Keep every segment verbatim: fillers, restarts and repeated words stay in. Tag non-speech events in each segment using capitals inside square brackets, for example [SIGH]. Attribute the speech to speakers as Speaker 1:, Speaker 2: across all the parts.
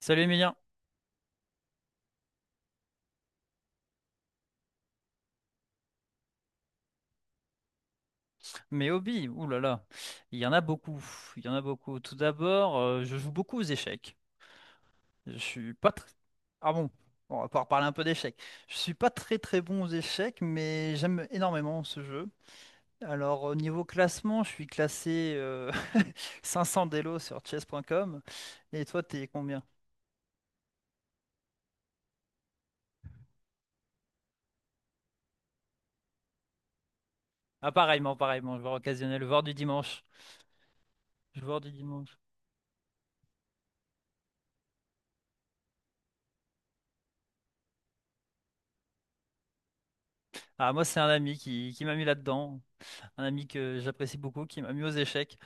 Speaker 1: Salut Emilien, mes hobbies, ouh là là, il y en a beaucoup, il y en a beaucoup. Tout d'abord, euh, je joue beaucoup aux échecs. Je suis pas très... Ah bon. Bon, on va pouvoir parler un peu d'échecs. Je suis pas très très bon aux échecs, mais j'aime énormément ce jeu. Alors au niveau classement, je suis classé euh, [LAUGHS] cinq cents d'élo sur chess dot com. Et toi, t'es combien? Ah pareillement, pareillement, joueur occasionnel, joueur du dimanche. Joueur du dimanche. Ah moi, c'est un ami qui, qui m'a mis là-dedans, un ami que j'apprécie beaucoup, qui m'a mis aux échecs.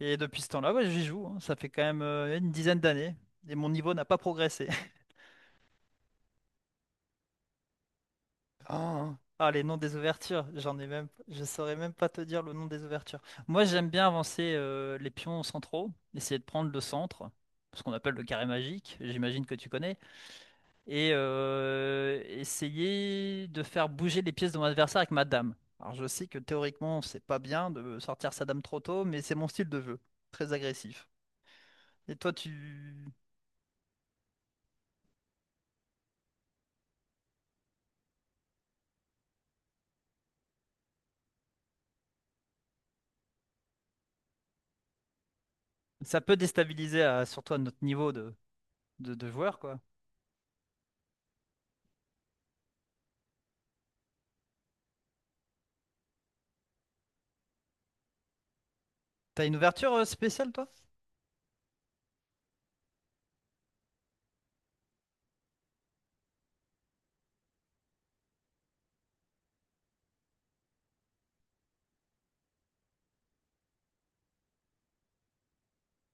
Speaker 1: Et depuis ce temps-là, ouais, j'y joue, hein. Ça fait quand même euh, une dizaine d'années. Et mon niveau n'a pas progressé. [LAUGHS] Ah, Ah, les noms des ouvertures, j'en ai même, je saurais même pas te dire le nom des ouvertures. Moi, j'aime bien avancer euh, les pions centraux, essayer de prendre le centre, ce qu'on appelle le carré magique, j'imagine que tu connais, et euh, essayer de faire bouger les pièces de mon adversaire avec ma dame. Alors, je sais que théoriquement, c'est pas bien de sortir sa dame trop tôt, mais c'est mon style de jeu, très agressif. Et toi, tu Ça peut déstabiliser, à- surtout à notre niveau de, de, de joueur, quoi. T'as une ouverture euh, spéciale, toi?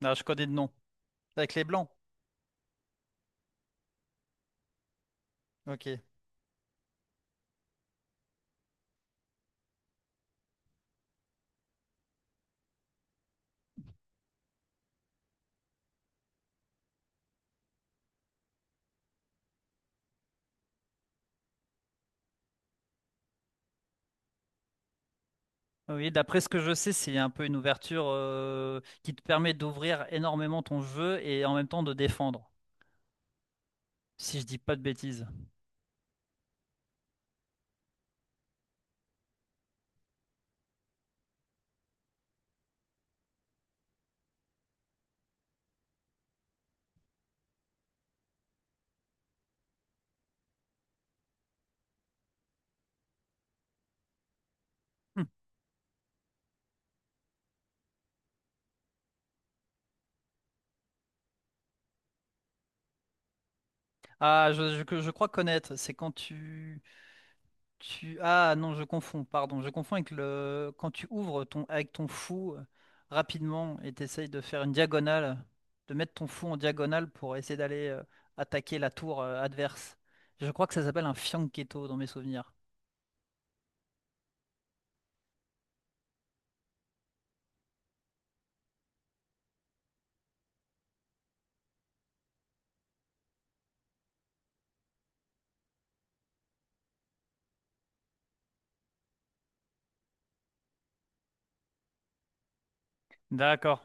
Speaker 1: Ah je connais de nom. Avec les blancs. Ok. Oui, d'après ce que je sais, c'est un peu une ouverture euh, qui te permet d'ouvrir énormément ton jeu et en même temps de défendre, si je dis pas de bêtises. Hmm. Ah, je, je- que je crois connaître, c'est quand tu... Tu... Ah non, je confonds, pardon. Je confonds avec le... Quand tu ouvres ton... avec ton fou euh, rapidement et t'essayes de faire une diagonale, de mettre ton fou en diagonale pour essayer d'aller euh, attaquer la tour euh, adverse. Je crois que ça s'appelle un fianchetto dans mes souvenirs. D'accord.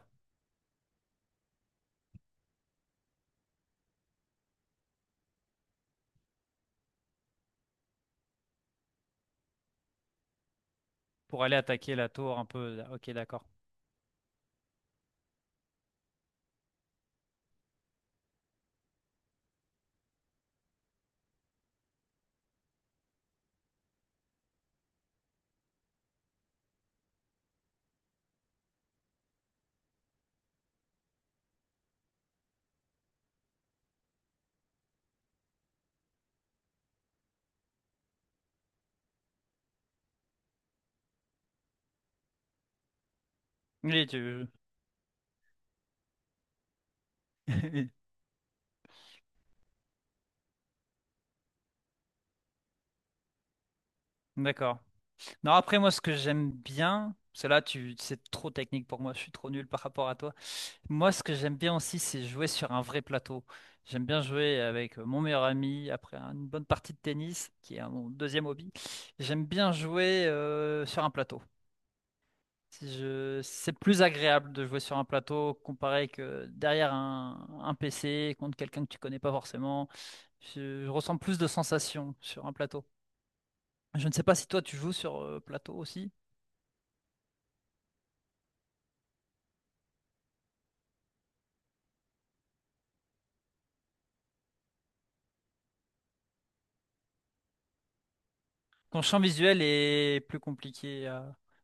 Speaker 1: Pour aller attaquer la tour un peu. Ok, d'accord. Oui, tu... [LAUGHS] D'accord. Non, après, moi, ce que j'aime bien, parce que là, tu, c'est trop technique pour moi, je suis trop nul par rapport à toi. Moi, ce que j'aime bien aussi, c'est jouer sur un vrai plateau. J'aime bien jouer avec euh, mon meilleur ami après une bonne partie de tennis, qui est euh, mon deuxième hobby. J'aime bien jouer euh, sur un plateau. Si je- C'est plus agréable de jouer sur un plateau comparé que derrière un, un P C contre quelqu'un que tu connais pas forcément. Je, je ressens plus de sensations sur un plateau. Je ne sais pas si toi tu joues sur euh, plateau aussi. Ton champ visuel est plus compliqué, euh,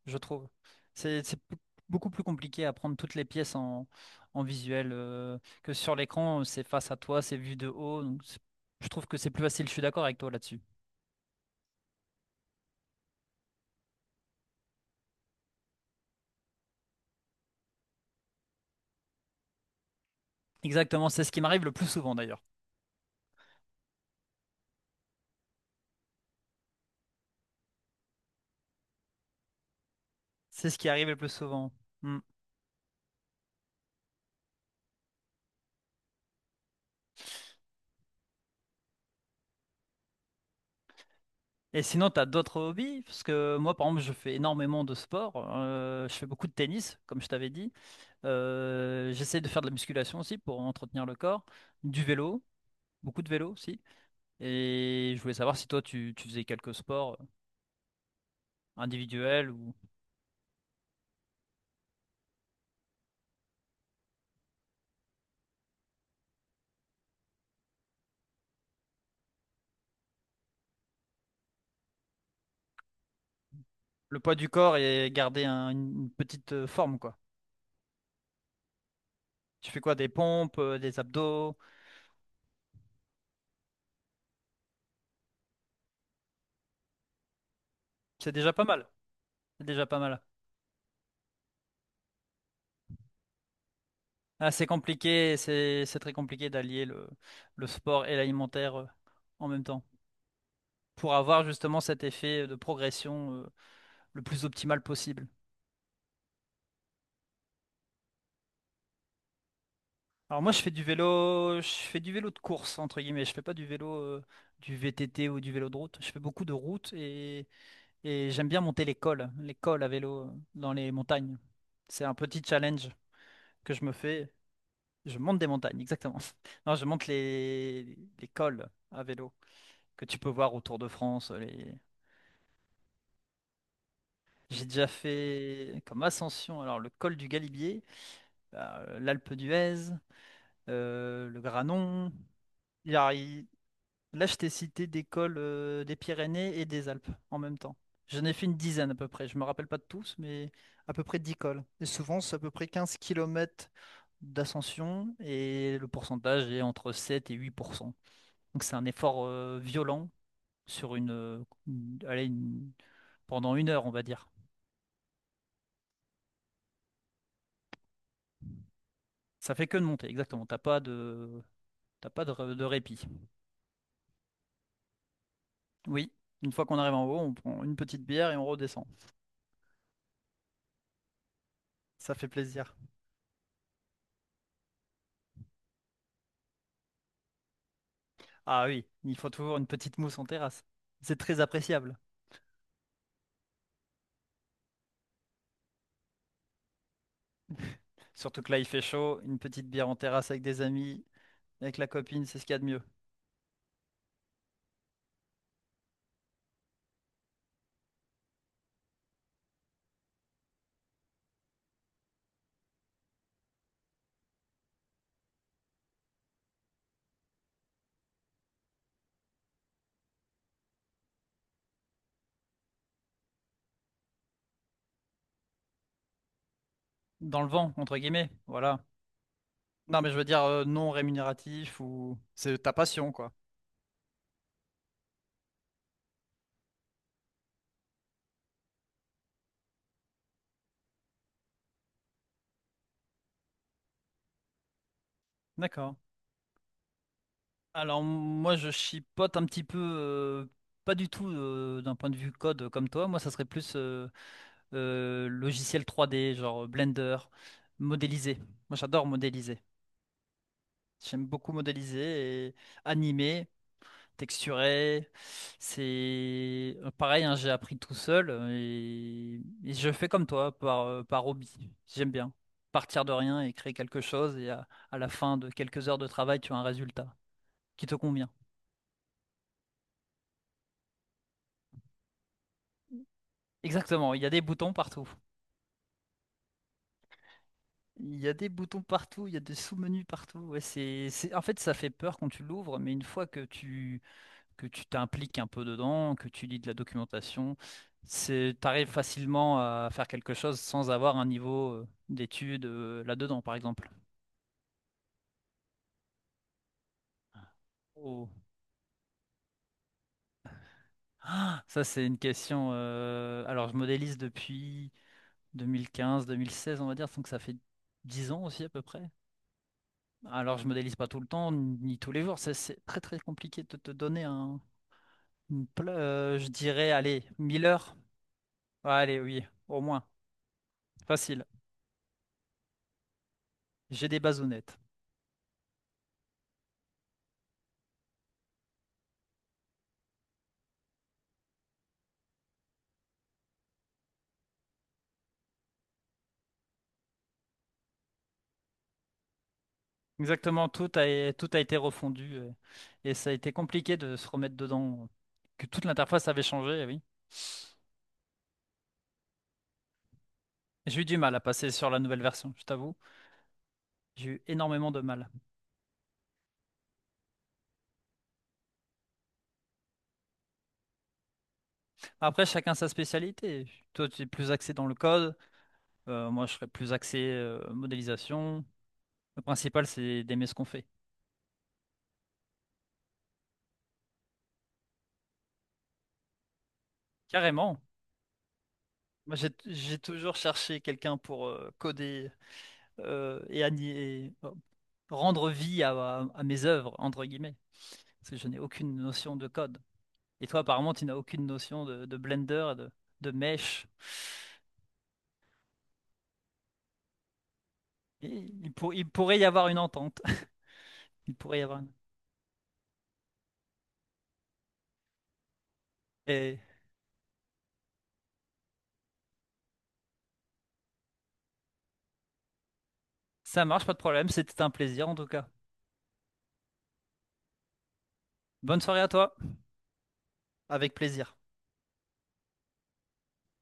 Speaker 1: je trouve. C'est c'est p- beaucoup plus compliqué à prendre toutes les pièces en, en visuel euh, que sur l'écran, c'est face à toi, c'est vu de haut. Donc c'est- je trouve que c'est plus facile, je suis d'accord avec toi là-dessus. Exactement, c'est ce qui m'arrive le plus souvent d'ailleurs. C'est ce qui arrive le plus souvent. Mm. Et sinon, tu as d'autres hobbies? Parce que moi, par exemple, je fais énormément de sport. Euh, je fais beaucoup de tennis, comme je t'avais dit. Euh, j'essaie de faire de la musculation aussi pour entretenir le corps. Du vélo, beaucoup de vélo aussi. Et je voulais savoir si toi, tu, tu faisais quelques sports individuels ou le poids du corps et garder un- une petite euh, forme, quoi. Tu fais quoi? Des pompes, euh, des abdos? C'est déjà pas mal. C'est déjà pas mal. Ah, c'est compliqué, c'est c'est très compliqué d'allier le, le sport et l'alimentaire euh, en même temps pour avoir justement cet effet euh, de progression euh, le plus optimal possible. Alors moi, je fais du vélo, je fais du vélo de course, entre guillemets. Je fais pas du vélo, euh, du V T T ou du vélo de route. Je fais beaucoup de route et Et j'aime bien monter les cols, les cols à vélo euh, dans les montagnes. C'est un petit challenge que je me fais. Je monte des montagnes, exactement. [LAUGHS] Non, je monte les, les cols à vélo que tu peux voir autour de France. Les... J'ai déjà fait comme ascension, alors le col du Galibier, euh, l'Alpe d'Huez, euh, le Granon. Il y a- Là, je t'ai cité des cols euh, des Pyrénées et des Alpes en même temps. J'en ai fait une dizaine à peu près. Je me rappelle pas de tous, mais à peu près dix cols. Et souvent, c'est à peu près quinze kilomètres d'ascension et le pourcentage est entre sept et huit pour cent. Donc c'est un effort euh, violent sur une, euh, une- allez, une- pendant une heure, on va dire. Ça fait que de monter, exactement. T'as pas de, t'as pas de, re- de répit. Oui, une fois qu'on arrive en haut, on prend une petite bière et on redescend. Ça fait plaisir. Ah oui, il faut toujours une petite mousse en terrasse. C'est très appréciable. Surtout que là, il fait chaud, une petite bière en terrasse avec des amis, avec la copine, c'est ce qu'il y a de mieux. Dans le vent, entre guillemets, voilà. Non, mais je veux dire euh, non rémunératif ou c'est ta passion, quoi. D'accord. Alors moi, je chipote un petit peu, euh, pas du tout euh, d'un point de vue code comme toi. Moi, ça serait plus euh, euh, logiciel trois D, genre Blender, modéliser. Moi, j'adore modéliser. J'aime beaucoup modéliser et animer. Texturé. C'est euh, pareil, hein, j'ai appris tout seul euh, et, et je fais comme toi, par, euh, par hobby. J'aime bien partir de rien et créer quelque chose et à, à la fin de quelques heures de travail, tu as un résultat qui te convient. Exactement, il y a des boutons partout. Il y a des boutons partout, il y a des sous-menus partout. Ouais, c'est, c'est- En fait, ça fait peur quand tu l'ouvres, mais une fois que tu, que tu t'impliques un peu dedans, que tu lis de la documentation, c'est, t'arrives facilement à faire quelque chose sans avoir un niveau euh, d'études euh, là-dedans, par exemple. Oh. Ah, ça, c'est une question. euh, Alors, je modélise depuis deux mille quinze-deux mille seize, on va dire, donc ça fait dix ans aussi à peu près. Alors, je modélise pas tout le temps, ni tous les jours. Ça, c'est très très compliqué de te donner un, une pla- euh, je dirais, allez, mille heures. Ouais, allez, oui, au moins, facile. J'ai des bases honnêtes. Exactement, tout a, tout a été refondu euh, et ça a été compliqué de se remettre dedans, que toute l'interface avait changé, eh oui. J'ai eu du mal à passer sur la nouvelle version, je t'avoue. J'ai eu énormément de mal. Après, chacun sa spécialité. Toi, tu es plus axé dans le code, euh, moi, je serais plus axé euh, modélisation. Le principal, c'est d'aimer ce qu'on fait. Carrément. Moi, j'ai j'ai toujours cherché quelqu'un pour euh, coder euh, et, ani- et, euh, rendre vie à, à à mes œuvres, entre guillemets, parce que je n'ai aucune notion de code. Et toi, apparemment, tu n'as aucune notion de, de Blender, de, de mesh. Et il, pour- il pourrait y avoir une entente. [LAUGHS] Il pourrait y avoir une... Et ça marche, pas de problème. C'était un plaisir en tout cas. Bonne soirée à toi. Avec plaisir.